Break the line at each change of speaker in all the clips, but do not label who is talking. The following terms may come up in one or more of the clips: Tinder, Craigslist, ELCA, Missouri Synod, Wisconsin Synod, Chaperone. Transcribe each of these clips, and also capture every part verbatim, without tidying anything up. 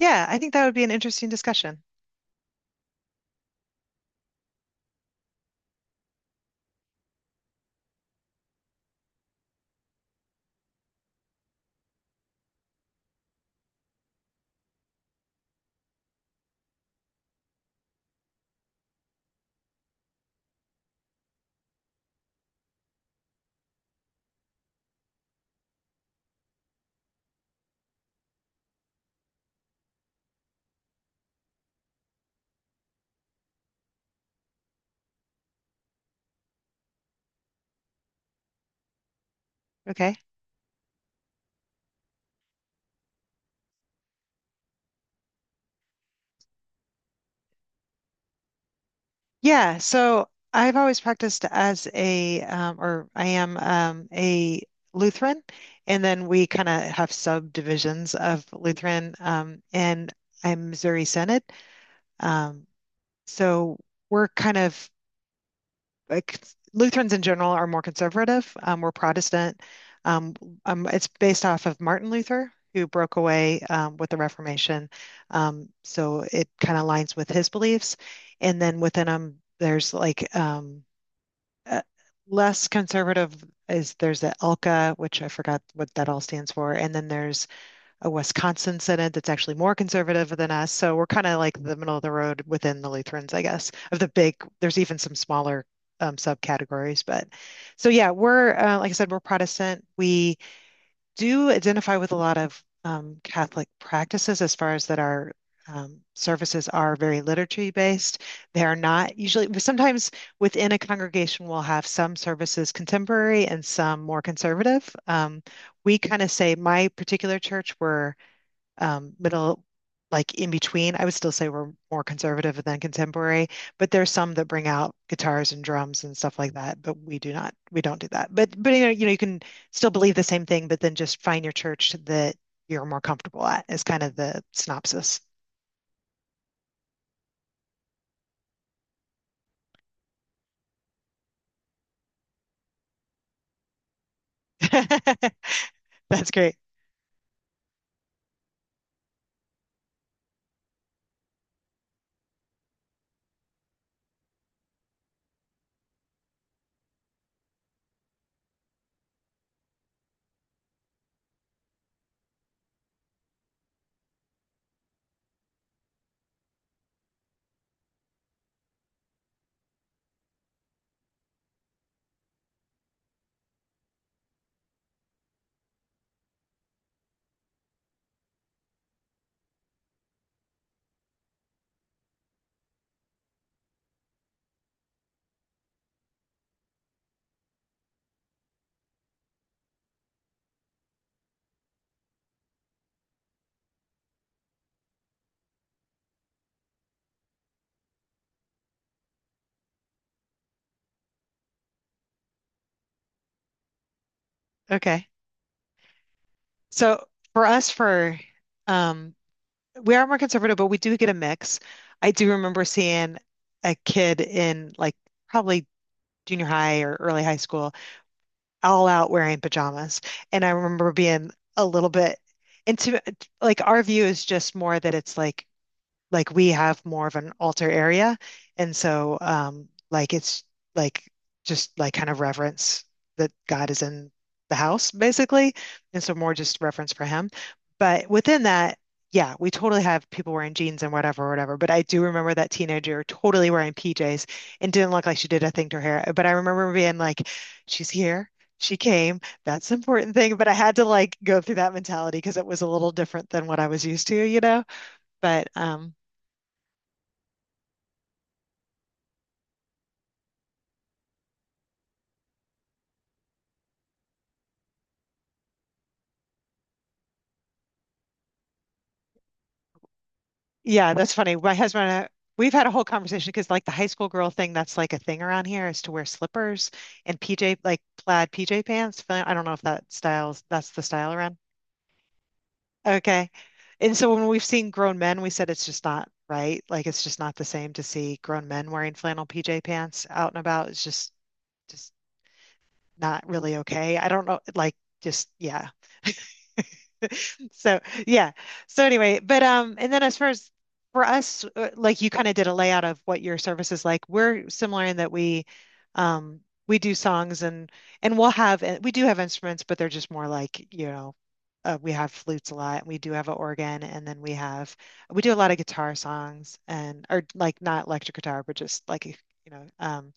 Yeah, I think that would be an interesting discussion. Okay. Yeah, so I've always practiced as a, um, or I am um, a Lutheran, and then we kind of have subdivisions of Lutheran, um, and I'm Missouri Synod. Um, so we're kind of like Lutherans in general are more conservative. Um, we're Protestant. Um, um, it's based off of Martin Luther, who broke away um, with the Reformation. Um, so it kind of aligns with his beliefs. And then within them, there's like um, uh, less conservative is there's the E L C A, which I forgot what that all stands for. And then there's a Wisconsin synod that's actually more conservative than us. So we're kind of like the middle of the road within the Lutherans, I guess, of the big, there's even some smaller um, subcategories. But so, yeah, we're, uh, like I said, we're Protestant. We do identify with a lot of um, Catholic practices as far as that our um, services are very liturgy based. They are not usually, sometimes within a congregation, we'll have some services contemporary and some more conservative. Um, we kind of say, my particular church, we're um, middle, like in between. I would still say we're more conservative than contemporary, but there's some that bring out guitars and drums and stuff like that. But we do not, we don't do that. But but you know, you know, you can still believe the same thing, but then just find your church that you're more comfortable at is kind of the synopsis. That's great. Okay. So for us, for um, we are more conservative, but we do get a mix. I do remember seeing a kid in like probably junior high or early high school all out wearing pajamas. And I remember being a little bit into like our view is just more that it's like like we have more of an altar area. And so um like it's like just like kind of reverence that God is in the house basically. And so more just reverence for him. But within that, yeah, we totally have people wearing jeans and whatever, whatever. But I do remember that teenager totally wearing P Js and didn't look like she did a thing to her hair. But I remember being like, she's here. She came. That's an important thing. But I had to like go through that mentality because it was a little different than what I was used to, you know? But um Yeah, that's funny. My husband and I, we've had a whole conversation because like the high school girl thing, that's like a thing around here is to wear slippers and P J, like plaid P J pants. Fa- I don't know if that styles, that's the style around. Okay. And so when we've seen grown men, we said it's just not right. Like it's just not the same to see grown men wearing flannel P J pants out and about. It's just, just not really okay. I don't know. Like just, yeah. So yeah. So anyway, but um, and then as far as for us, uh, like you kind of did a layout of what your service is like. We're similar in that we, um, we do songs and and we'll have and we do have instruments, but they're just more like you know, uh, we have flutes a lot. and we do have an organ, and then we have we do a lot of guitar songs and or like not electric guitar, but just like you know, um,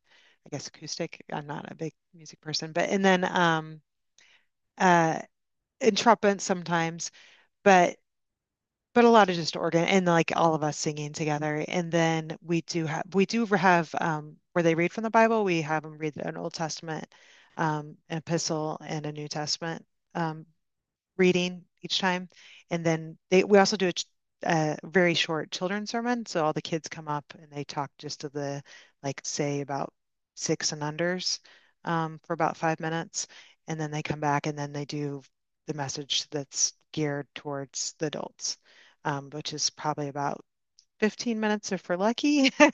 I guess acoustic. I'm not a big music person, but and then um, uh, and trumpet sometimes, but but a lot of just organ and like all of us singing together. And then we do have we do have um, where they read from the Bible. We have them read an Old Testament, um, an epistle, and a New Testament um, reading each time. And then they, we also do a, a very short children's sermon. So all the kids come up and they talk just to the, like, say about six and unders um, for about five minutes. And then they come back and then they do the message that's geared towards the adults, um, which is probably about fifteen minutes if we're lucky,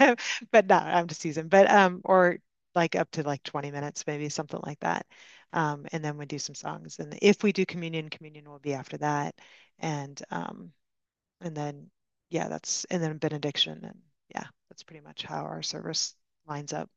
but not I'm just teasing, but um, or like up to like twenty minutes, maybe something like that. Um, and then we do some songs. And if we do communion, communion will be after that. And um, and then yeah, that's and then benediction and yeah, that's pretty much how our service lines up.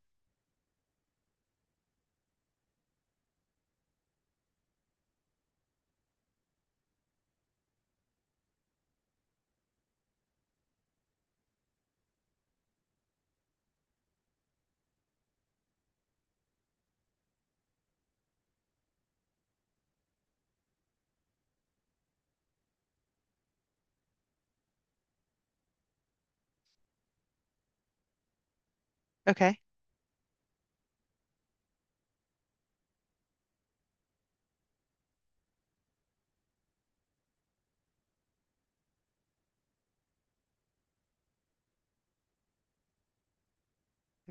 Okay.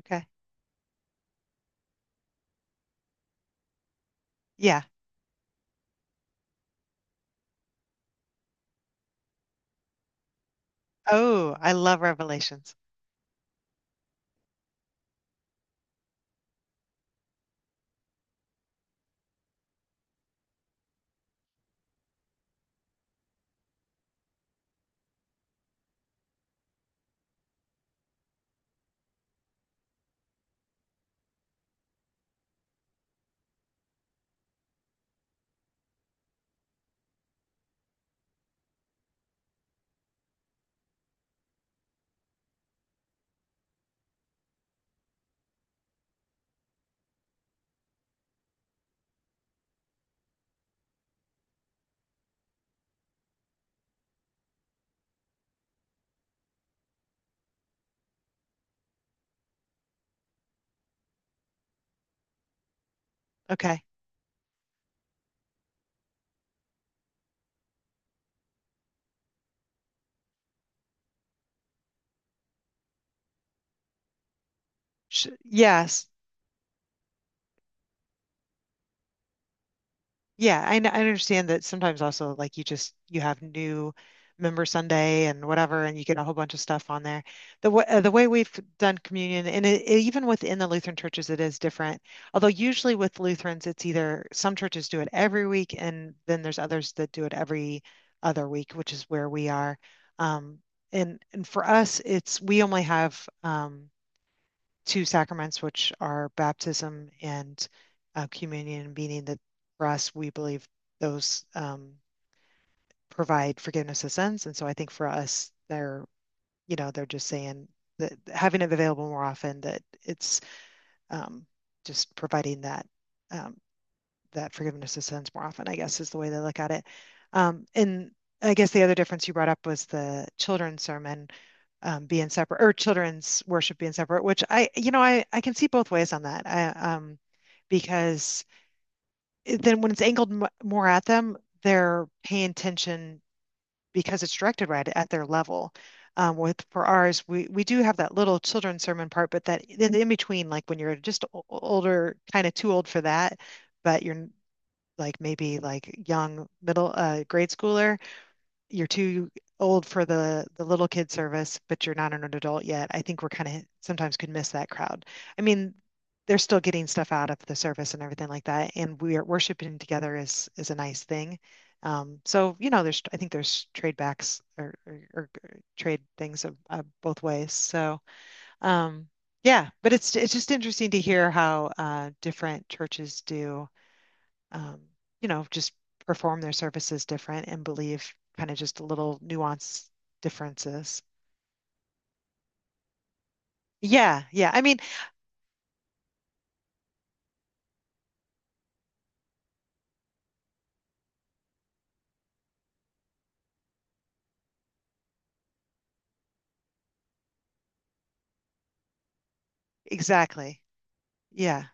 Okay. Yeah. Oh, I love Revelations. Okay. Sh Yes. Yeah, I, n- I understand that sometimes also like you just you have new member Sunday and whatever, and you get a whole bunch of stuff on there. The w uh, the way we've done communion, and it, it- even within the Lutheran churches, it is different. Although usually with Lutherans, it's either some churches do it every week, and then there's others that do it every other week, which is where we are. Um, and and for us, it's we only have um, two sacraments, which are baptism and uh, communion, meaning that for us, we believe those um, provide forgiveness of sins. And so I think for us, they're, you know, they're just saying that having it available more often, that it's um, just providing that um, that forgiveness of sins more often, I guess, is the way they look at it. Um, and I guess the other difference you brought up was the children's sermon um, being separate or children's worship being separate, which I, you know, I, I can see both ways on that. I, um, because it- then when it's angled m more at them, they're paying attention because it's directed right at their level. Um, with for ours, we we do have that little children's sermon part, but that in, in between, like when you're just older, kind of too old for that, but you're like maybe like young middle uh, grade schooler. You're too old for the the little kid service, but you're not an adult yet. I think we're kind of sometimes could miss that crowd. I mean, they're still getting stuff out of the service and everything like that, and we are worshiping together is is a nice thing. Um, so you know, there's I think there's trade backs or, or, or trade things of, of both ways. So um, yeah, but it's it's just interesting to hear how uh, different churches do um, you know, just perform their services different and believe kind of just little nuance differences. Yeah, yeah. I mean, exactly. Yeah.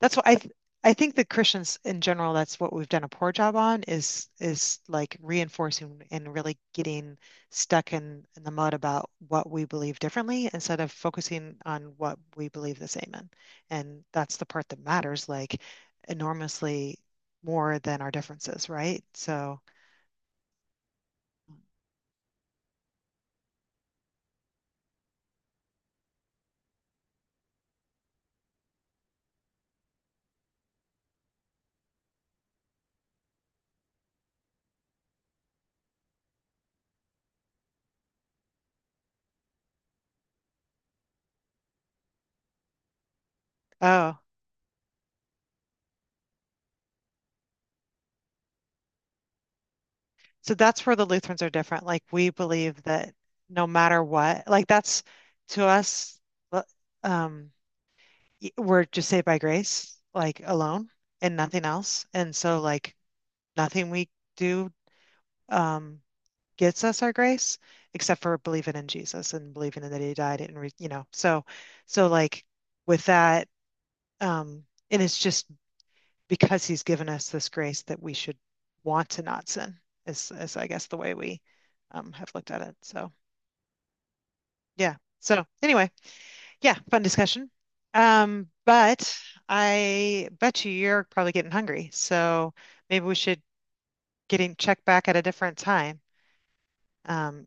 That's what I th- I think the Christians in general, that's what we've done a poor job on is is like reinforcing and really getting stuck in, in the mud about what we believe differently instead of focusing on what we believe the same in. And that's the part that matters like enormously more than our differences, right? So Oh, so that's where the Lutherans are different. Like we believe that no matter what, like that's to us, l- um, y- we're just saved by grace, like alone and nothing else. And so like nothing we do um gets us our grace except for believing in Jesus and believing that he died and re you know. So so like with that um and it's just because he's given us this grace that we should want to not sin is, is I guess the way we um, have looked at it. So yeah. So anyway, yeah, fun discussion. Um, but I bet you you're probably getting hungry. So maybe we should getting check back at a different time. Um,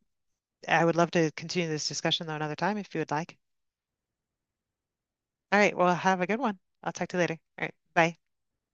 I would love to continue this discussion though another time if you would like. All right, well, have a good one. I'll talk to you later. All right, bye.